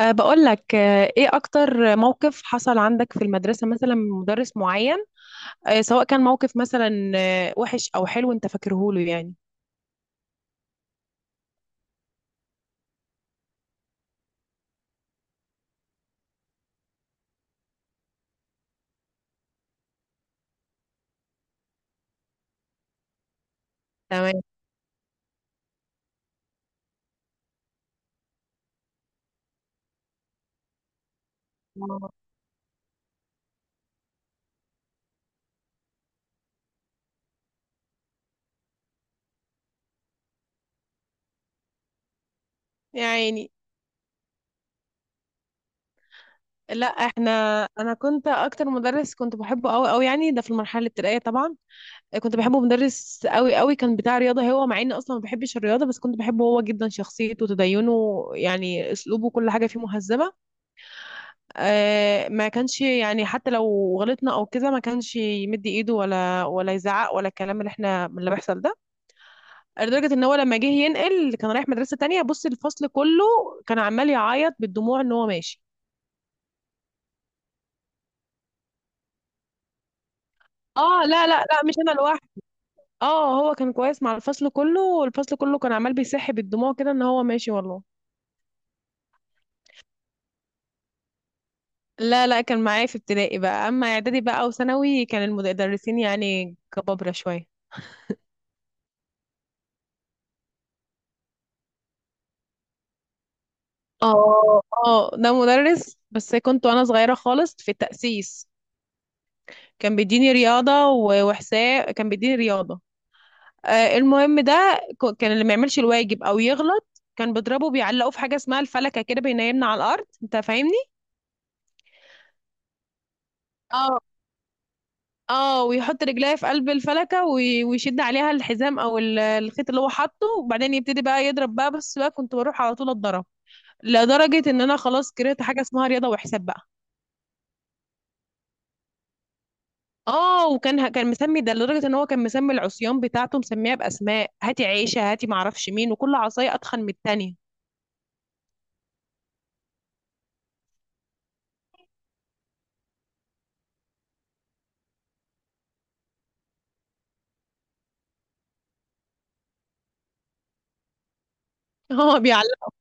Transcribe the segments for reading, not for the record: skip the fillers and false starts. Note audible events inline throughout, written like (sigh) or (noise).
بقول لك، ايه اكتر موقف حصل عندك في المدرسة مثلا من مدرس معين؟ سواء كان موقف مثلا وحش او حلو، انت فاكره له يعني. تمام. آه. يعني، لا احنا، انا كنت اكتر مدرس كنت بحبه قوي قوي يعني، ده في المرحلة الابتدائية طبعا. كنت بحبه، مدرس قوي قوي كان، بتاع رياضة. هو مع اني اصلا ما بحبش الرياضة بس كنت بحبه هو جدا، شخصيته وتدينه يعني، اسلوبه كل حاجة فيه مهذبة. ما كانش يعني، حتى لو غلطنا او كده ما كانش يمد ايده ولا يزعق، ولا الكلام اللي بيحصل ده. لدرجه ان هو لما جه ينقل كان رايح مدرسه تانية، بص الفصل كله كان عمال يعيط بالدموع ان هو ماشي. اه، لا لا لا، مش انا لوحدي. اه، هو كان كويس مع الفصل كله، والفصل كله كان عمال بيصح بالدموع كده ان هو ماشي والله. لا لا، كان معايا في ابتدائي بقى. اما اعدادي بقى وثانوي كان المدرسين يعني كبابره شويه. اه، اه، ده مدرس بس كنت وانا صغيرة خالص في التأسيس. كان بيديني رياضة و- وحساب، كان بيديني رياضة. المهم ده، كان اللي ما يعملش الواجب او يغلط كان بيضربه، بيعلقه في حاجة اسمها الفلكة كده، بينيمنا على الأرض، انت فاهمني؟ اه. اه، ويحط رجليه في قلب الفلكة، وي- ويشد عليها الحزام، او الخيط اللي هو حاطه، وبعدين يبتدي بقى يضرب بقى. بس بقى كنت بروح على طول اتضرب. لدرجة ان انا خلاص كرهت حاجة اسمها رياضة وحساب بقى. اه، وكان ه- كان مسمي ده، لدرجه ان هو كان مسمي العصيان بتاعته، مسميها باسماء، هاتي عيشه، هاتي معرفش مين، وكل عصايه اتخن من التانيه. (laughs) هو بيعلق.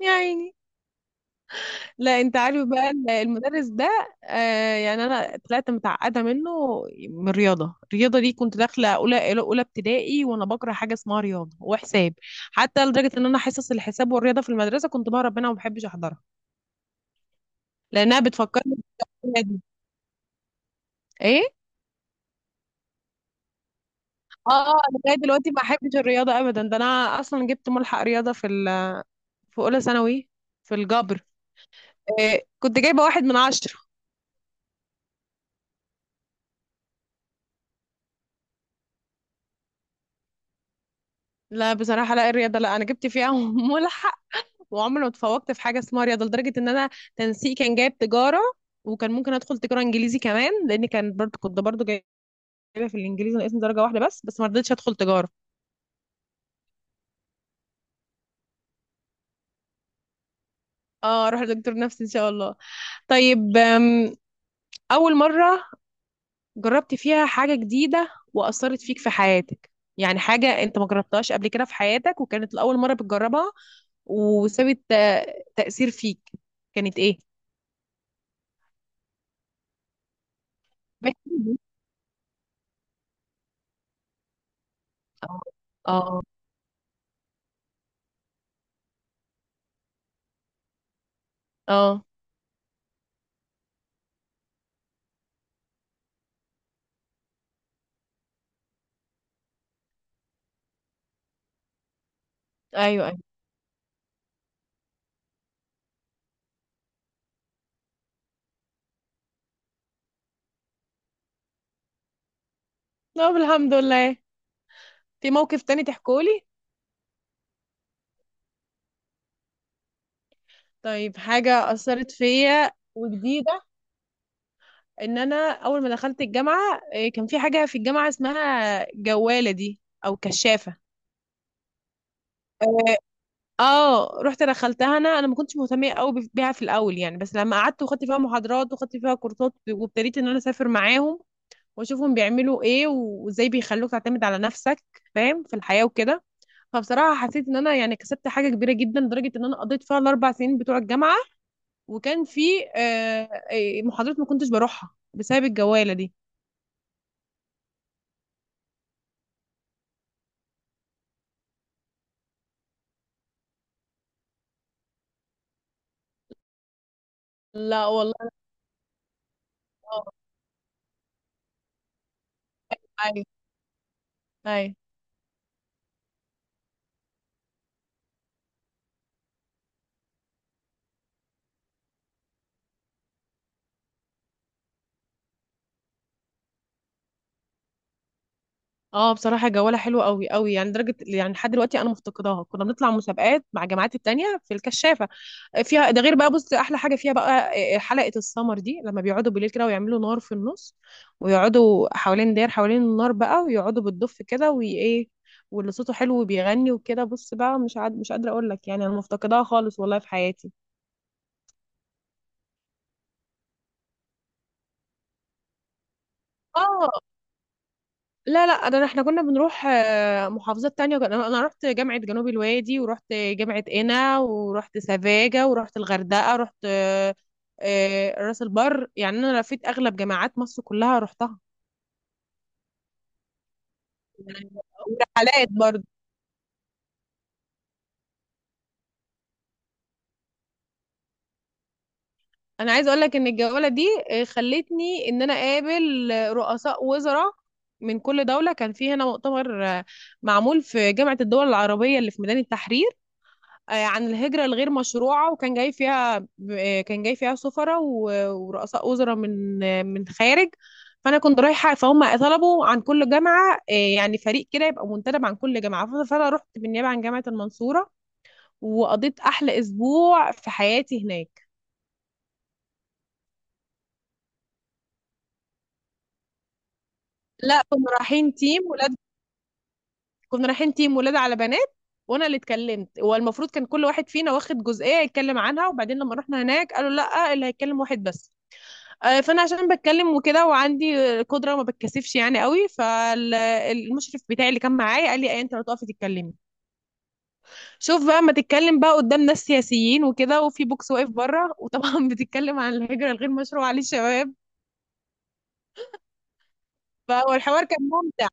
يا عيني. لا، انت عارف بقى المدرس ده. يعني انا طلعت متعقده منه، من الرياضه. الرياضه دي كنت داخله اولى اولى ابتدائي وانا بكره حاجه اسمها رياضه وحساب. حتى لدرجه ان انا حصص الحساب والرياضه في المدرسه كنت بهرب منها وما بحبش احضرها، لانها بتفكرني بالحاجات دي. ايه. اه، أنا لغايه دلوقتي ما بحبش الرياضه ابدا. ده انا اصلا جبت ملحق رياضه في في اولى ثانوي، في الجبر. إيه، كنت جايبه 1 من 10. لا بصراحه، لا الرياضه، لا، انا جبت فيها (laughs) ملحق. وعمري ما اتفوقت في حاجه اسمها رياضه، لدرجه ان انا تنسيق كان جايب تجاره، وكان ممكن ادخل تجاره انجليزي كمان، لان كان برضه كنت برضه جايبه في الانجليزي ناقصني درجه واحده بس، بس ما رضيتش ادخل تجاره. اه، اروح لدكتور نفسي ان شاء الله. طيب. اول مره جربت فيها حاجة جديدة وأثرت فيك في حياتك، يعني حاجة أنت ما جربتهاش قبل كده في حياتك، وكانت لأول مرة بتجربها، وسابت تأثير فيك، كانت إيه؟ (laughs) بحكي لي. اه. اه. اه، أيوه أيوه. طب، الحمد لله. في موقف تاني تحكولي؟ طيب، حاجة أثرت فيا وجديدة، إن أنا أول ما دخلت الجامعة، كان في حاجة في الجامعة اسمها جوالة دي أو كشافة. اه، رحت دخلتها. انا ما كنتش مهتمه قوي بيها في الاول يعني، بس لما قعدت وخدت فيها محاضرات وخدت فيها كورسات وابتديت ان انا اسافر معاهم، واشوفهم بيعملوا ايه، وازاي بيخلوك تعتمد على نفسك، فاهم، في الحياه وكده، فبصراحه حسيت ان انا يعني كسبت حاجه كبيره جدا، لدرجه ان انا قضيت فيها الـ4 سنين بتوع الجامعه. وكان في آه، محاضرات ما كنتش بروحها بسبب الجواله دي. لا والله. اه، ايوه، ايوه. اه، بصراحة جوالة حلوة قوي قوي يعني، درجة يعني لحد دلوقتي انا مفتقداها. كنا بنطلع مسابقات مع الجامعات التانية في الكشافة فيها، ده غير بقى. بص، احلى حاجة فيها بقى، حلقة السمر دي، لما بيقعدوا بالليل كده ويعملوا نار في النص، ويقعدوا حوالين، داير حوالين النار بقى، ويقعدوا بالدف كده، وايه واللي صوته حلو وبيغني وكده، بص بقى، مش عاد مش قادرة اقول لك يعني، انا مفتقداها خالص والله في حياتي. اه. لا لا، ده احنا كنا بنروح محافظات تانية. انا رحت جامعة جنوب الوادي، ورحت جامعة قنا، ورحت سفاجة، ورحت الغردقة، رحت راس البر. يعني انا لفيت اغلب جامعات مصر كلها رحتها. ورحلات برضه. انا عايزه اقول لك ان الجوله دي خلتني ان انا اقابل رؤساء وزراء من كل دوله. كان في هنا مؤتمر معمول في جامعه الدول العربيه اللي في ميدان التحرير، عن الهجرة الغير مشروعة، وكان جاي فيها كان جاي فيها سفراء و- ورؤساء وزراء من من الخارج. فأنا كنت رايحة. فهم طلبوا عن كل جامعة يعني فريق كده يبقى منتدب عن كل جامعة، ف- فأنا رحت بالنيابة عن جامعة المنصورة، وقضيت أحلى أسبوع في حياتي هناك. لا، كنا رايحين تيم ولاد. كنا رايحين تيم ولاد على بنات. وانا اللي اتكلمت. والمفروض كان كل واحد فينا واخد جزئيه يتكلم عنها، وبعدين لما رحنا هناك قالوا لا، اللي هيتكلم واحد بس. فانا عشان بتكلم وكده، وعندي قدره ما بتكسفش يعني قوي، فالمشرف بتاعي اللي كان معايا قال لي ايه، انت لو تقفي تتكلمي، شوف بقى ما تتكلم بقى قدام ناس سياسيين وكده، وفي بوكس واقف بره، وطبعا (laughs) بتتكلم عن الهجره الغير مشروعه للشباب. فهو الحوار كان ممتع.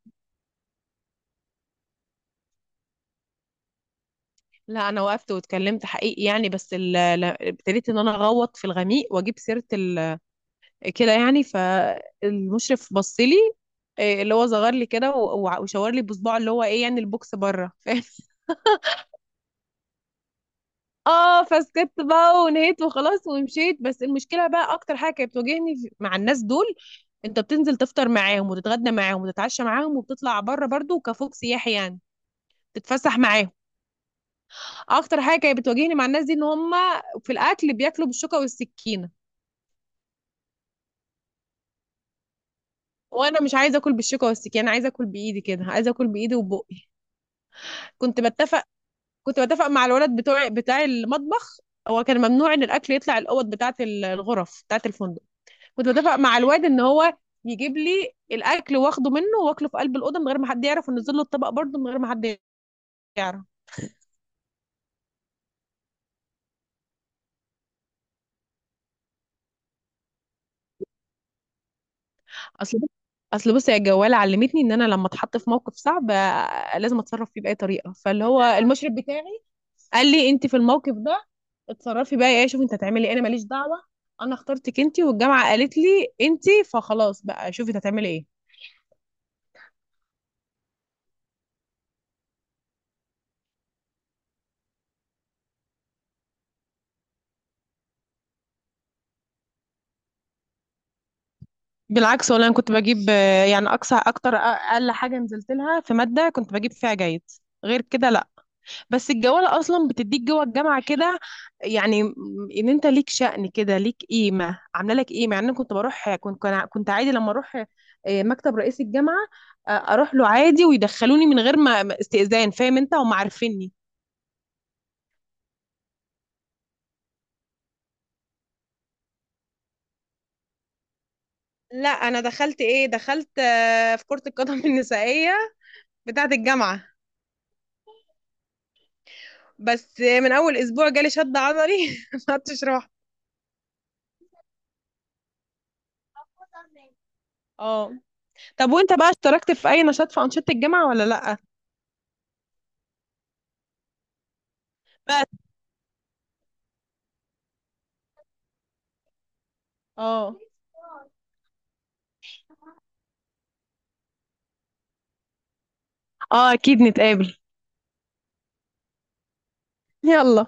لا، انا وقفت واتكلمت حقيقي يعني، بس ابتديت ان انا اغوط في الغميق واجيب سيره كده يعني، فالمشرف بص لي، إيه، اللي هو صغر لي كده، و- وع- وشاور لي بصباعه اللي هو ايه يعني، البوكس بره (laughs) اه، فسكت بقى ونهيت وخلاص ومشيت. بس المشكله بقى، اكتر حاجه كانت بتواجهني مع الناس دول، انت بتنزل تفطر معاهم وتتغدى معاهم وتتعشى معاهم، وبتطلع بره برضو كفوق سياحي يعني، تتفسح معاهم. اكتر حاجه كانت بتواجهني مع الناس دي ان هم في الاكل بياكلوا بالشوكه والسكينه، وانا مش عايزه اكل بالشوكه والسكينه، انا عايزه اكل بايدي كده، عايزه اكل بايدي وبقي كنت بتفق كنت بتفق مع الولد بتوع بتاع المطبخ. هو كان ممنوع ان الاكل يطلع الاوض بتاعه، الغرف بتاعه الفندق. كنت بتفق مع الواد ان هو يجيب لي الاكل، واخده منه واكله في قلب الاوضه من غير ما حد يعرف، ونزل له الطبق برضه من غير ما حد يعرف. اصل بص- اصل بصي، يا جواله علمتني ان انا لما اتحط في موقف صعب لازم اتصرف فيه باي طريقه. فاللي هو المشرف بتاعي قال لي انت في الموقف ده اتصرفي بقى، ايه شوفي انت هتعملي ايه، انا ماليش دعوه، انا اخترتك انت، والجامعه قالت لي انت، فخلاص بقى، شوفي انت هتعملي ايه. بالعكس والله، انا كنت بجيب يعني اقصى اكتر، اقل حاجه نزلت لها في ماده كنت بجيب فيها جيد. غير كده، بس الجوالة اصلا بتديك جوه الجامعة كده، يعني ان انت ليك شأن كده، ليك قيمة، عاملة لك قيمة يعني. انا كنت بروح، كنت عادي لما اروح مكتب رئيس الجامعة، اروح له عادي ويدخلوني من غير ما استئذان. فاهم انت، هم عارفيني. لا، انا دخلت ايه، دخلت في كرة القدم (laughs) النسائية بتاعة الجامعة. بس من اول اسبوع جالي شد عضلي (laughs) ما عدتش رحت. اه، طب وانت بقى اشتركت في اي نشاط في انشطة الجامعة ولا لا؟ بس. اه، اه، اكيد نتقابل. يلا.